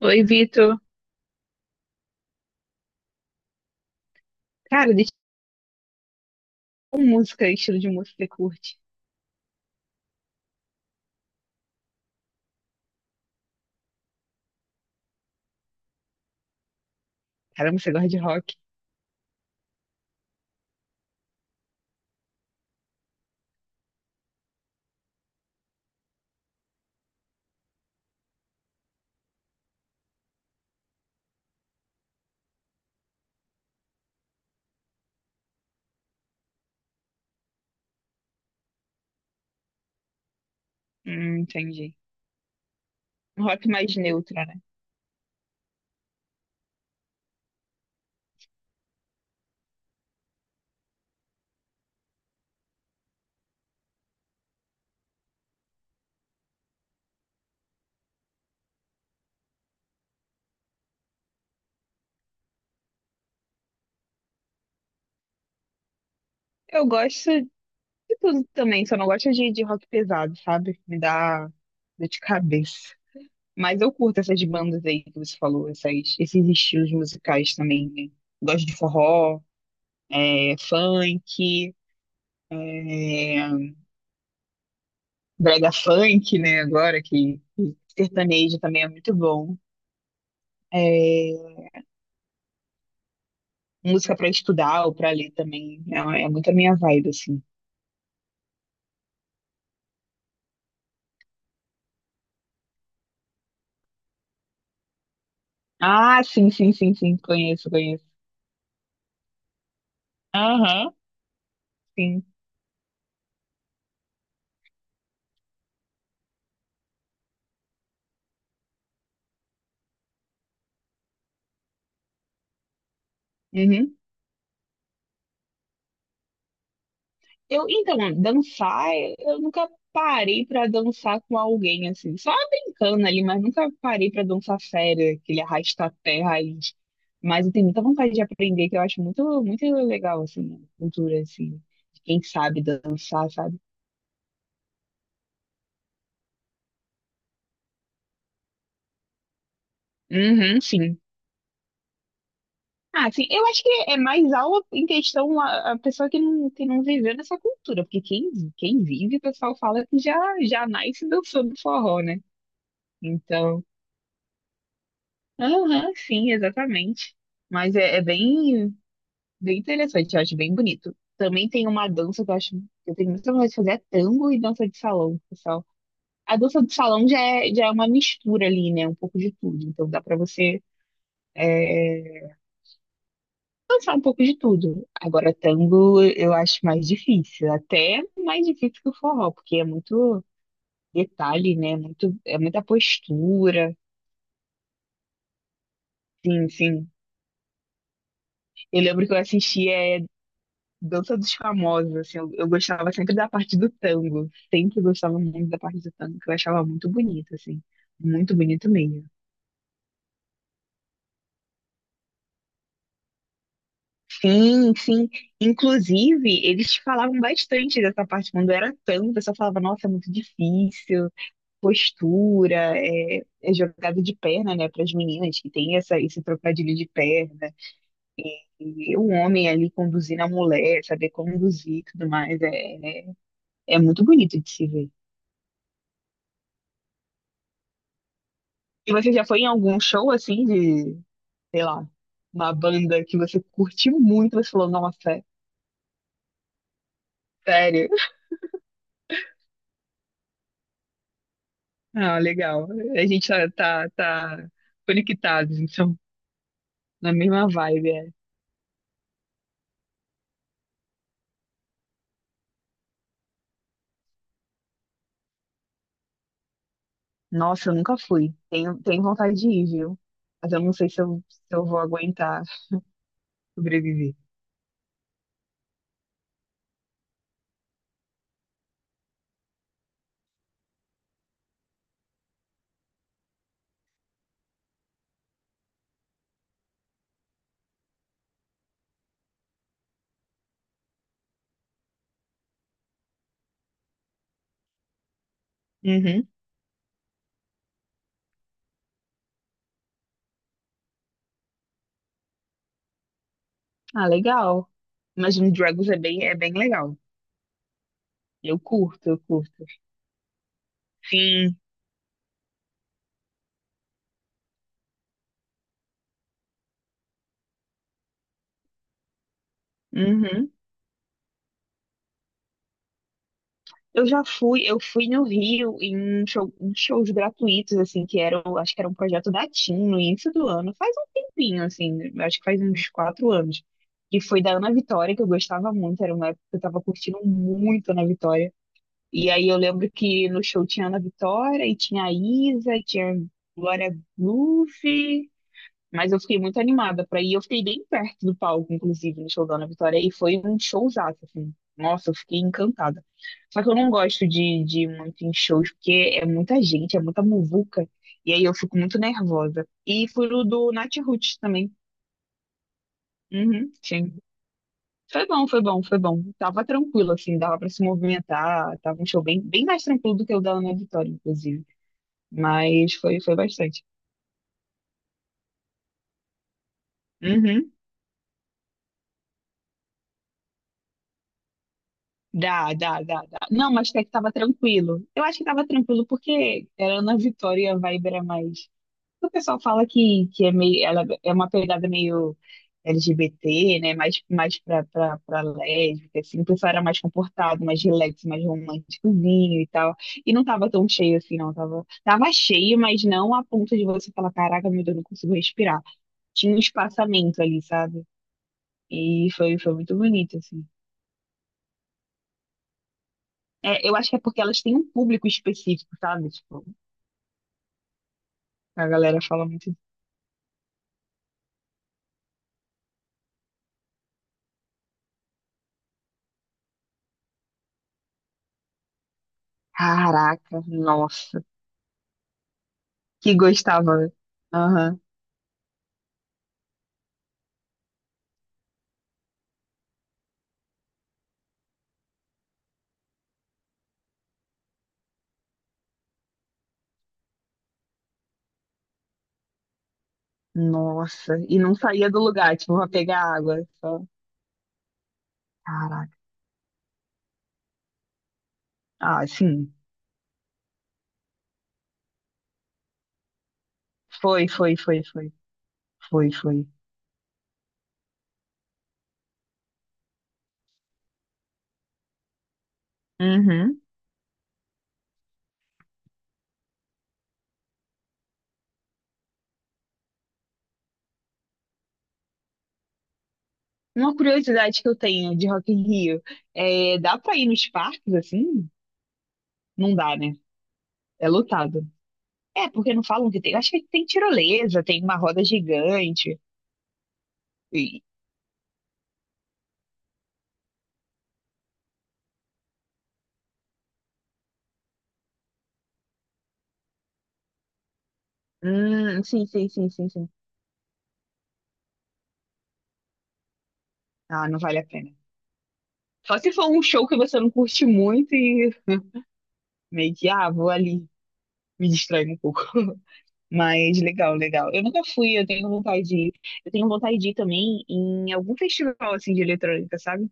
Oi, Vitor. Cara, de tipo música, estilo de música que você curte. Caramba, você gosta de rock? Entendi. Um rock mais neutro, né? Eu gosto de tudo também, só não gosto de rock pesado, sabe? Me dá dor de cabeça. Mas eu curto essas bandas aí que você falou, esses estilos musicais também, né? Gosto de forró, funk, é, brega funk, né? Agora que sertanejo também é muito bom. É, música pra estudar ou pra ler também. É muito a minha vibe, assim. Ah, sim, sim, sim, sim. Conheço, conheço. Aham, sim. Uhum. Então, dançar, eu nunca parei pra dançar com alguém, assim. Só brincando ali, mas nunca parei pra dançar sério, aquele arrasta-pé raiz. Mas eu tenho muita vontade de aprender, que eu acho muito, muito legal, assim, a cultura, assim, de quem sabe dançar, sabe? Uhum, sim. Ah, sim, eu acho que é mais aula em questão a pessoa que não viveu nessa cultura, porque quem, quem vive, o pessoal fala que já, já nasce dançando forró, né? Então, aham, sim, exatamente. Mas é bem interessante, eu acho bem bonito. Também tem uma dança que eu acho que eu tenho muita vontade de fazer, é tango e dança de salão, pessoal. A dança de salão já é uma mistura ali, né? Um pouco de tudo. Então dá pra você dançar um pouco de tudo. Agora, tango eu acho mais difícil, até mais difícil que o forró, porque é muito detalhe, né? É muita postura. Sim, sim. Eu lembro que eu assistia Dança dos Famosos, assim, eu gostava sempre da parte do tango, sempre gostava muito da parte do tango, que eu achava muito bonito, assim, muito bonito mesmo. Sim, sim. Inclusive, eles falavam bastante dessa parte. Quando era tango, o pessoal falava, nossa, é muito difícil. Postura, é jogada de perna, né, para as meninas que tem essa, esse trocadilho de perna, e o homem ali conduzindo a mulher, saber conduzir e tudo mais, é muito bonito de se ver. E você já foi em algum show assim de, sei lá, uma banda que você curtiu muito, você falou, nossa, sério? Ah, legal. A gente tá conectados, então, na mesma vibe, é. Nossa, eu nunca fui. Tenho, tenho vontade de ir, viu? Mas eu não sei se eu vou aguentar. Sobrevivi. Uhum. Ah, legal. Imagine Dragons é bem legal. Eu curto, eu curto. Sim. Uhum. Eu já fui, eu fui no Rio em, um show- em shows gratuitos, assim, que era, o- acho que era um projeto da TIM no início do ano, faz um tempinho, assim, acho que faz uns quatro anos. E foi da Ana Vitória, que eu gostava muito, era uma época que eu tava curtindo muito Ana Vitória. E aí eu lembro que no show tinha Ana Vitória, e tinha a Isa, e tinha Glória Groove. Mas eu fiquei muito animada pra ir. Eu fiquei bem perto do palco, inclusive, no show da Ana Vitória. E foi um showzaço, assim. Nossa, eu fiquei encantada. Só que eu não gosto de ir muito em shows, porque é muita gente, é muita muvuca. E aí eu fico muito nervosa. E fui no do Nath Roots também. Uhum, sim. Foi bom, foi bom, foi bom. Tava tranquilo, assim, dava pra se movimentar. Tava um show bem mais tranquilo do que o da Ana Vitória, inclusive. Mas foi, foi bastante. Uhum. Dá, dá, dá, dá. Não, mas até que tava tranquilo. Eu acho que tava tranquilo porque era Ana Vitória e a vibe era mais. O pessoal fala que é meio, ela é uma pegada meio LGBT, né? Mais, mais pra lésbica, assim. O pessoal era mais comportado, mais relax, mais românticozinho e tal. E não tava tão cheio assim, não. Tava, tava cheio, mas não a ponto de você falar, caraca, meu Deus, não consigo respirar. Tinha um espaçamento ali, sabe? E foi, foi muito bonito, assim. É, eu acho que é porque elas têm um público específico, sabe? Tipo, a galera fala muito. Caraca, nossa, que gostava. Aham, nossa. E não saía do lugar, tipo, pra pegar água. Só. Caraca. Ah, sim. Foi, foi, foi, foi. Foi, foi. Uhum. Uma curiosidade que eu tenho de Rock in Rio dá pra ir nos parques assim? Não dá, né? É lotado. É, porque não falam que tem. Acho que tem tirolesa, tem uma roda gigante. E hum, sim, sim, sim, sim, sim. Ah, não vale a pena. Só se for um show que você não curte muito e meio que, ah, vou ali, me distrair um pouco. Mas legal, legal. Eu nunca fui, eu tenho vontade de ir. Eu tenho vontade de ir também em algum festival assim de eletrônica, sabe?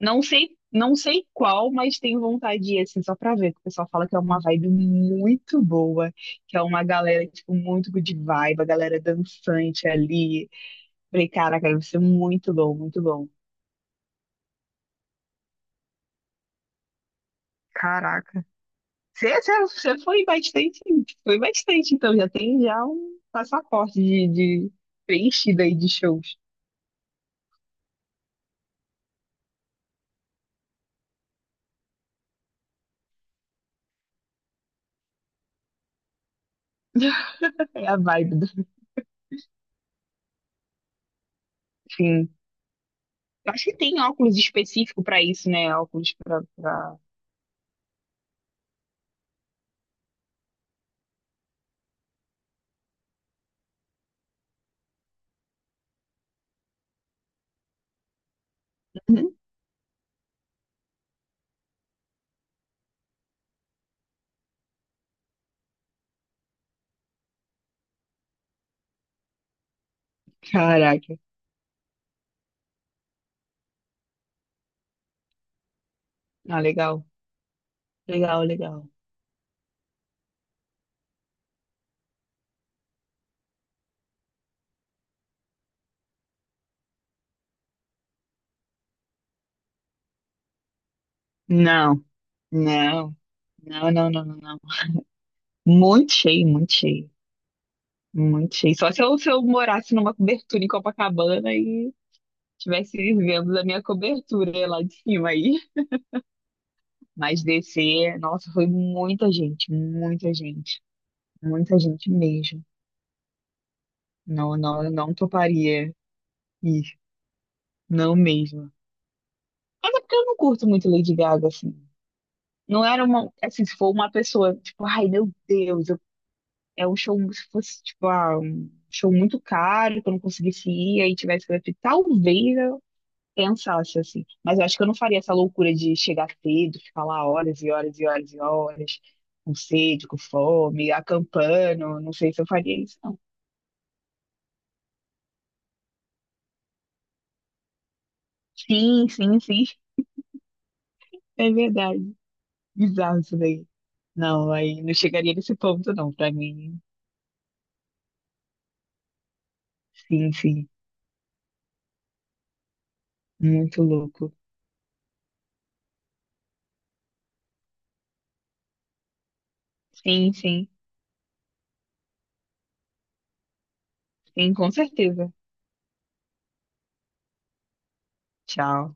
Não sei, não sei qual, mas tenho vontade de ir assim só pra ver, que o pessoal fala que é uma vibe muito boa, que é uma galera tipo muito good vibe, a galera dançante ali. Falei, caraca, deve ser muito bom, muito bom. Caraca. Você foi bastante, então já tem já um passaporte de preenchido aí de shows. É a vibe do fim. Eu acho que tem óculos específico pra isso, né? Óculos pra, pra... Uhum. Caraca. Ah, legal. Legal, legal. Não, não. Não, não, não, não, não. Muito cheio, muito cheio. Muito cheio. Só se eu morasse numa cobertura em Copacabana e estivesse vendo a minha cobertura lá de cima aí. Mas descer, nossa, foi muita gente, muita gente, muita gente mesmo. Não, não, eu não toparia ir, não mesmo. Até porque eu não curto muito Lady Gaga, assim. Não era uma, assim, se for uma pessoa, tipo, ai, meu Deus, eu- é um show, se fosse, tipo, ah, um show muito caro, que eu não conseguisse ir, aí tivesse que talvez pensasse, assim. Mas eu acho que eu não faria essa loucura de chegar cedo, ficar lá horas e horas e horas e horas, com sede, com fome, acampando. Não sei se eu faria isso, não. Sim, sim, sim. É verdade. Bizarro isso daí. Não, aí não chegaria nesse ponto, não, pra mim. Sim, sim. Muito louco. Sim, sim. Sim, com certeza. Tchau.